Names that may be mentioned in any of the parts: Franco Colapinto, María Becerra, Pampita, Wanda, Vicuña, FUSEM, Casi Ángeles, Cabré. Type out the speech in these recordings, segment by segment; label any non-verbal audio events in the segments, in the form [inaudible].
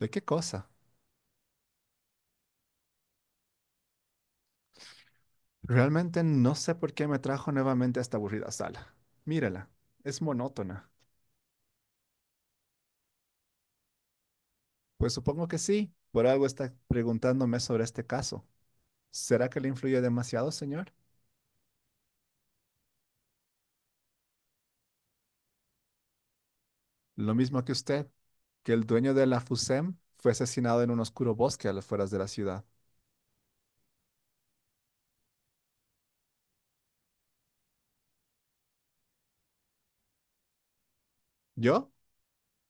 ¿De qué cosa? Realmente no sé por qué me trajo nuevamente a esta aburrida sala. Mírala, es monótona. Pues supongo que sí, por algo está preguntándome sobre este caso. ¿Será que le influyó demasiado, señor? Lo mismo que usted, que el dueño de la FUSEM fue asesinado en un oscuro bosque a las afueras de la ciudad. ¿Yo?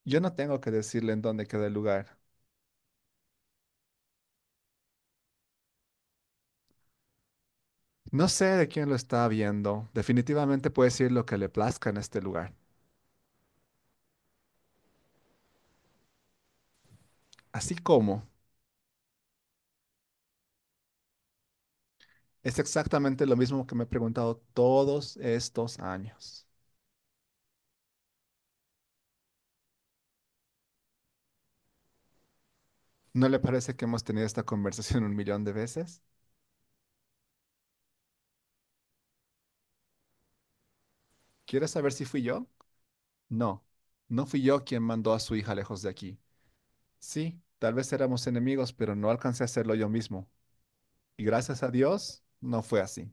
Yo no tengo que decirle en dónde queda el lugar. No sé de quién lo está viendo. Definitivamente puede decir lo que le plazca en este lugar. Así como. Es exactamente lo mismo que me he preguntado todos estos años. ¿No le parece que hemos tenido esta conversación [laughs] un millón de veces? ¿Quieres saber si fui yo? No, no fui yo quien mandó a su hija lejos de aquí. Sí, tal vez éramos enemigos, pero no alcancé a hacerlo yo mismo. Y gracias a Dios, no fue así.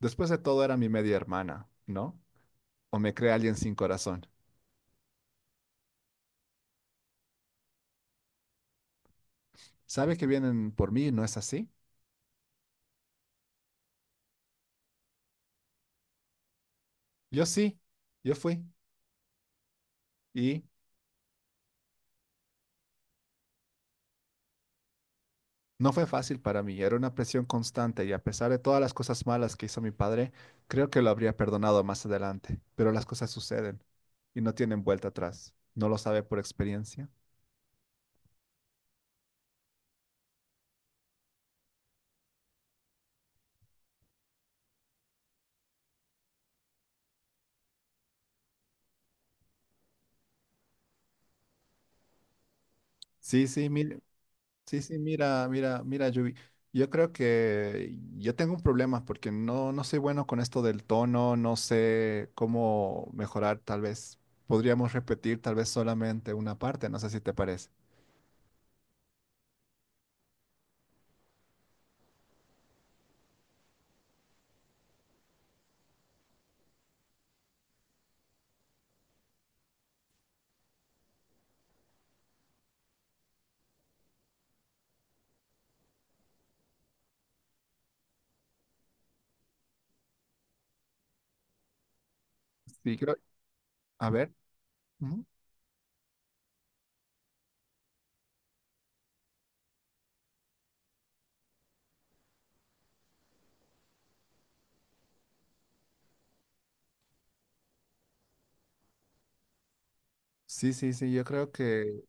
Después de todo era mi media hermana, ¿no? O me cree alguien sin corazón. ¿Sabe que vienen por mí no es así? Yo sí, yo fui. Y No fue fácil para mí, era una presión constante y a pesar de todas las cosas malas que hizo mi padre, creo que lo habría perdonado más adelante, pero las cosas suceden y no tienen vuelta atrás. ¿No lo sabe por experiencia? Sí, sí, mira, sí, sí, mira, mira, mira, Yubi. Yo creo que yo tengo un problema porque no soy bueno con esto del tono, no sé cómo mejorar, tal vez podríamos repetir tal vez solamente una parte, no sé si te parece. Sí, creo, a ver. Ujú. Sí, sí, sí, yo creo que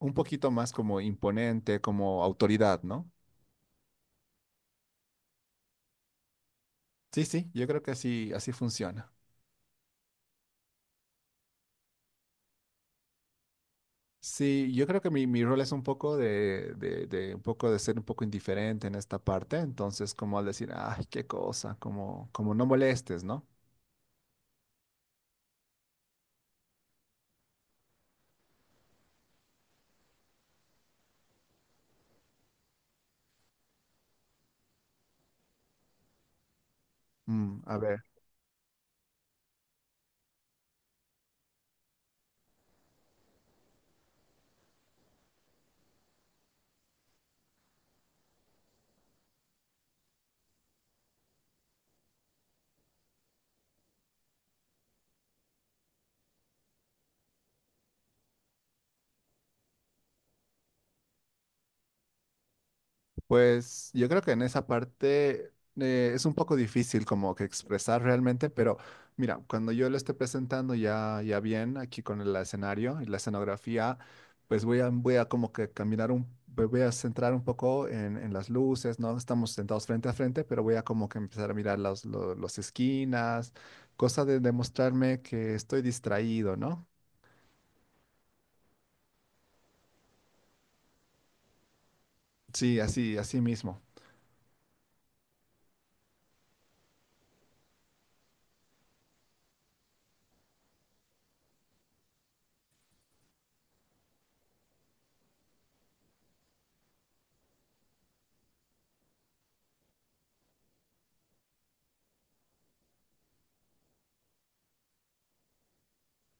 un poquito más como imponente, como autoridad, ¿no? Sí, sí, yo creo que así, así funciona. Sí, yo creo que mi rol es un poco de un poco de ser un poco indiferente en esta parte, entonces como al decir, ay, qué cosa, como, como no molestes, ¿no? Mm, a ver. Pues yo creo que en esa parte es un poco difícil como que expresar realmente, pero mira, cuando yo lo esté presentando ya, ya bien aquí con el escenario y la escenografía, pues voy a como que caminar un, me voy a centrar un poco en las luces, ¿no? Estamos sentados frente a frente, pero voy a como que empezar a mirar las esquinas, cosa de demostrarme que estoy distraído, ¿no? Sí, así, así mismo.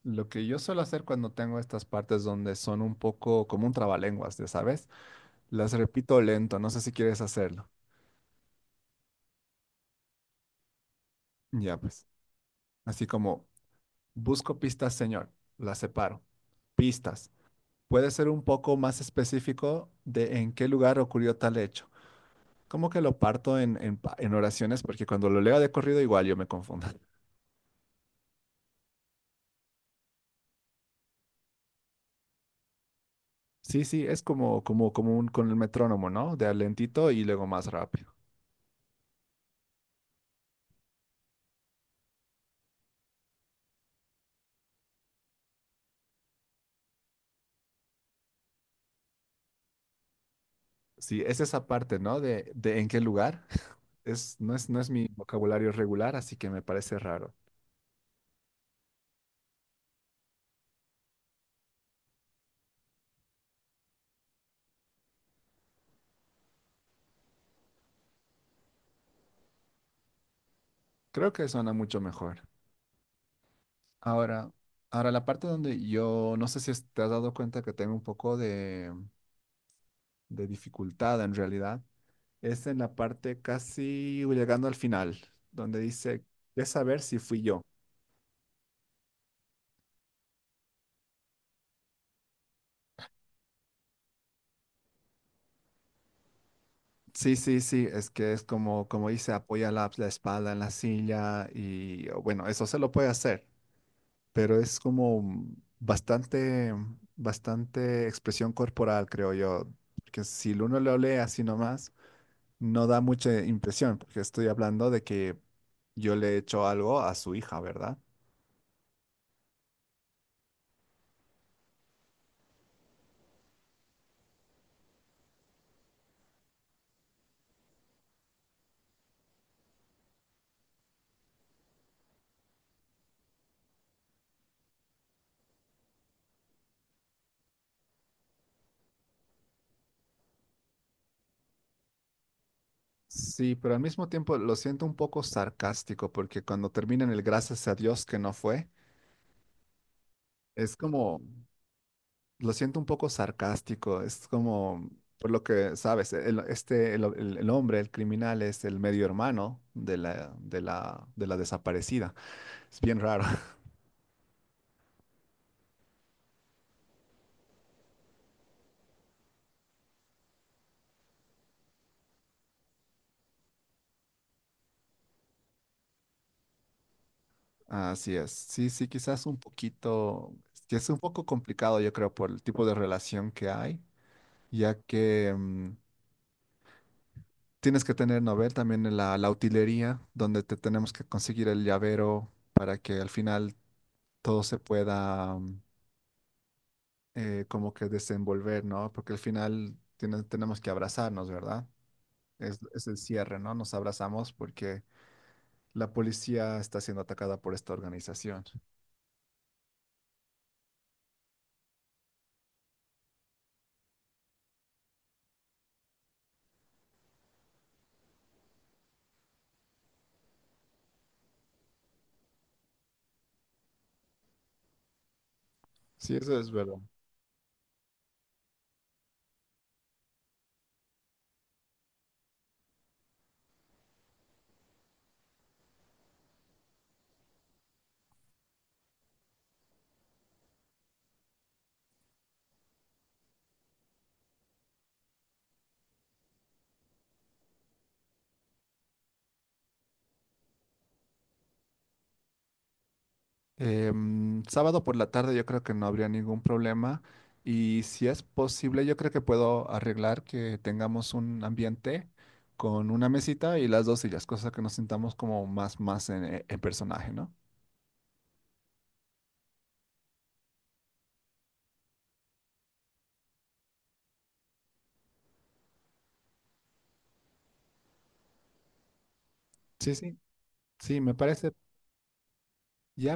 Lo que yo suelo hacer cuando tengo estas partes donde son un poco como un trabalenguas, ya sabes, las repito lento, no sé si quieres hacerlo. Ya pues, así como busco pistas, señor, las separo. Pistas. Puede ser un poco más específico de en qué lugar ocurrió tal hecho. Como que lo parto en, en oraciones porque cuando lo leo de corrido igual yo me confundo. [laughs] Sí, sí, es como, como, como un, con el metrónomo, ¿no? De a lentito y luego más rápido. Sí, es esa parte, ¿no? De en qué lugar. Es, no es, no es mi vocabulario regular, así que me parece raro. Creo que suena mucho mejor. Ahora, ahora la parte donde yo no sé si es- te has dado cuenta que tengo un poco de dificultad en realidad, es en la parte casi llegando al final, donde dice, ¿qué saber si fui yo? Sí, sí, sí, es que es como, como dice, apoya la, la espalda en la silla y o bueno, eso se lo puede hacer. Pero es como bastante, bastante expresión corporal, creo yo, que si uno lo lee así nomás, no da mucha impresión, porque estoy hablando de que yo le he hecho algo a su hija, ¿verdad? Sí, pero al mismo tiempo lo siento un poco sarcástico, porque cuando terminan el gracias a Dios que no fue, es como, lo siento un poco sarcástico, es como, por lo que sabes, el, este, el, el hombre, el criminal, es el medio hermano de la, de la, de la desaparecida. Es bien raro. [laughs] Así es. Sí, sí, quizás un poquito, que es un poco complicado, yo creo, por el tipo de relación que hay, ya que mm, tienes que tener, ¿no? Ver también en la, la utilería, donde te tenemos que conseguir el llavero para que al final todo se pueda. Mm, como que desenvolver, ¿no? Porque al final tenemos que abrazarnos, ¿verdad? Es el cierre, ¿no? Nos abrazamos porque la policía está siendo atacada por esta organización. Sí, eso es verdad. Em, sábado por la tarde yo creo que no habría ningún problema y si es posible yo creo que puedo arreglar que tengamos un ambiente con una mesita y las dos sillas, cosa que nos sintamos como más, más en personaje, ¿no? Sí, sí, sí, me parece. Ya.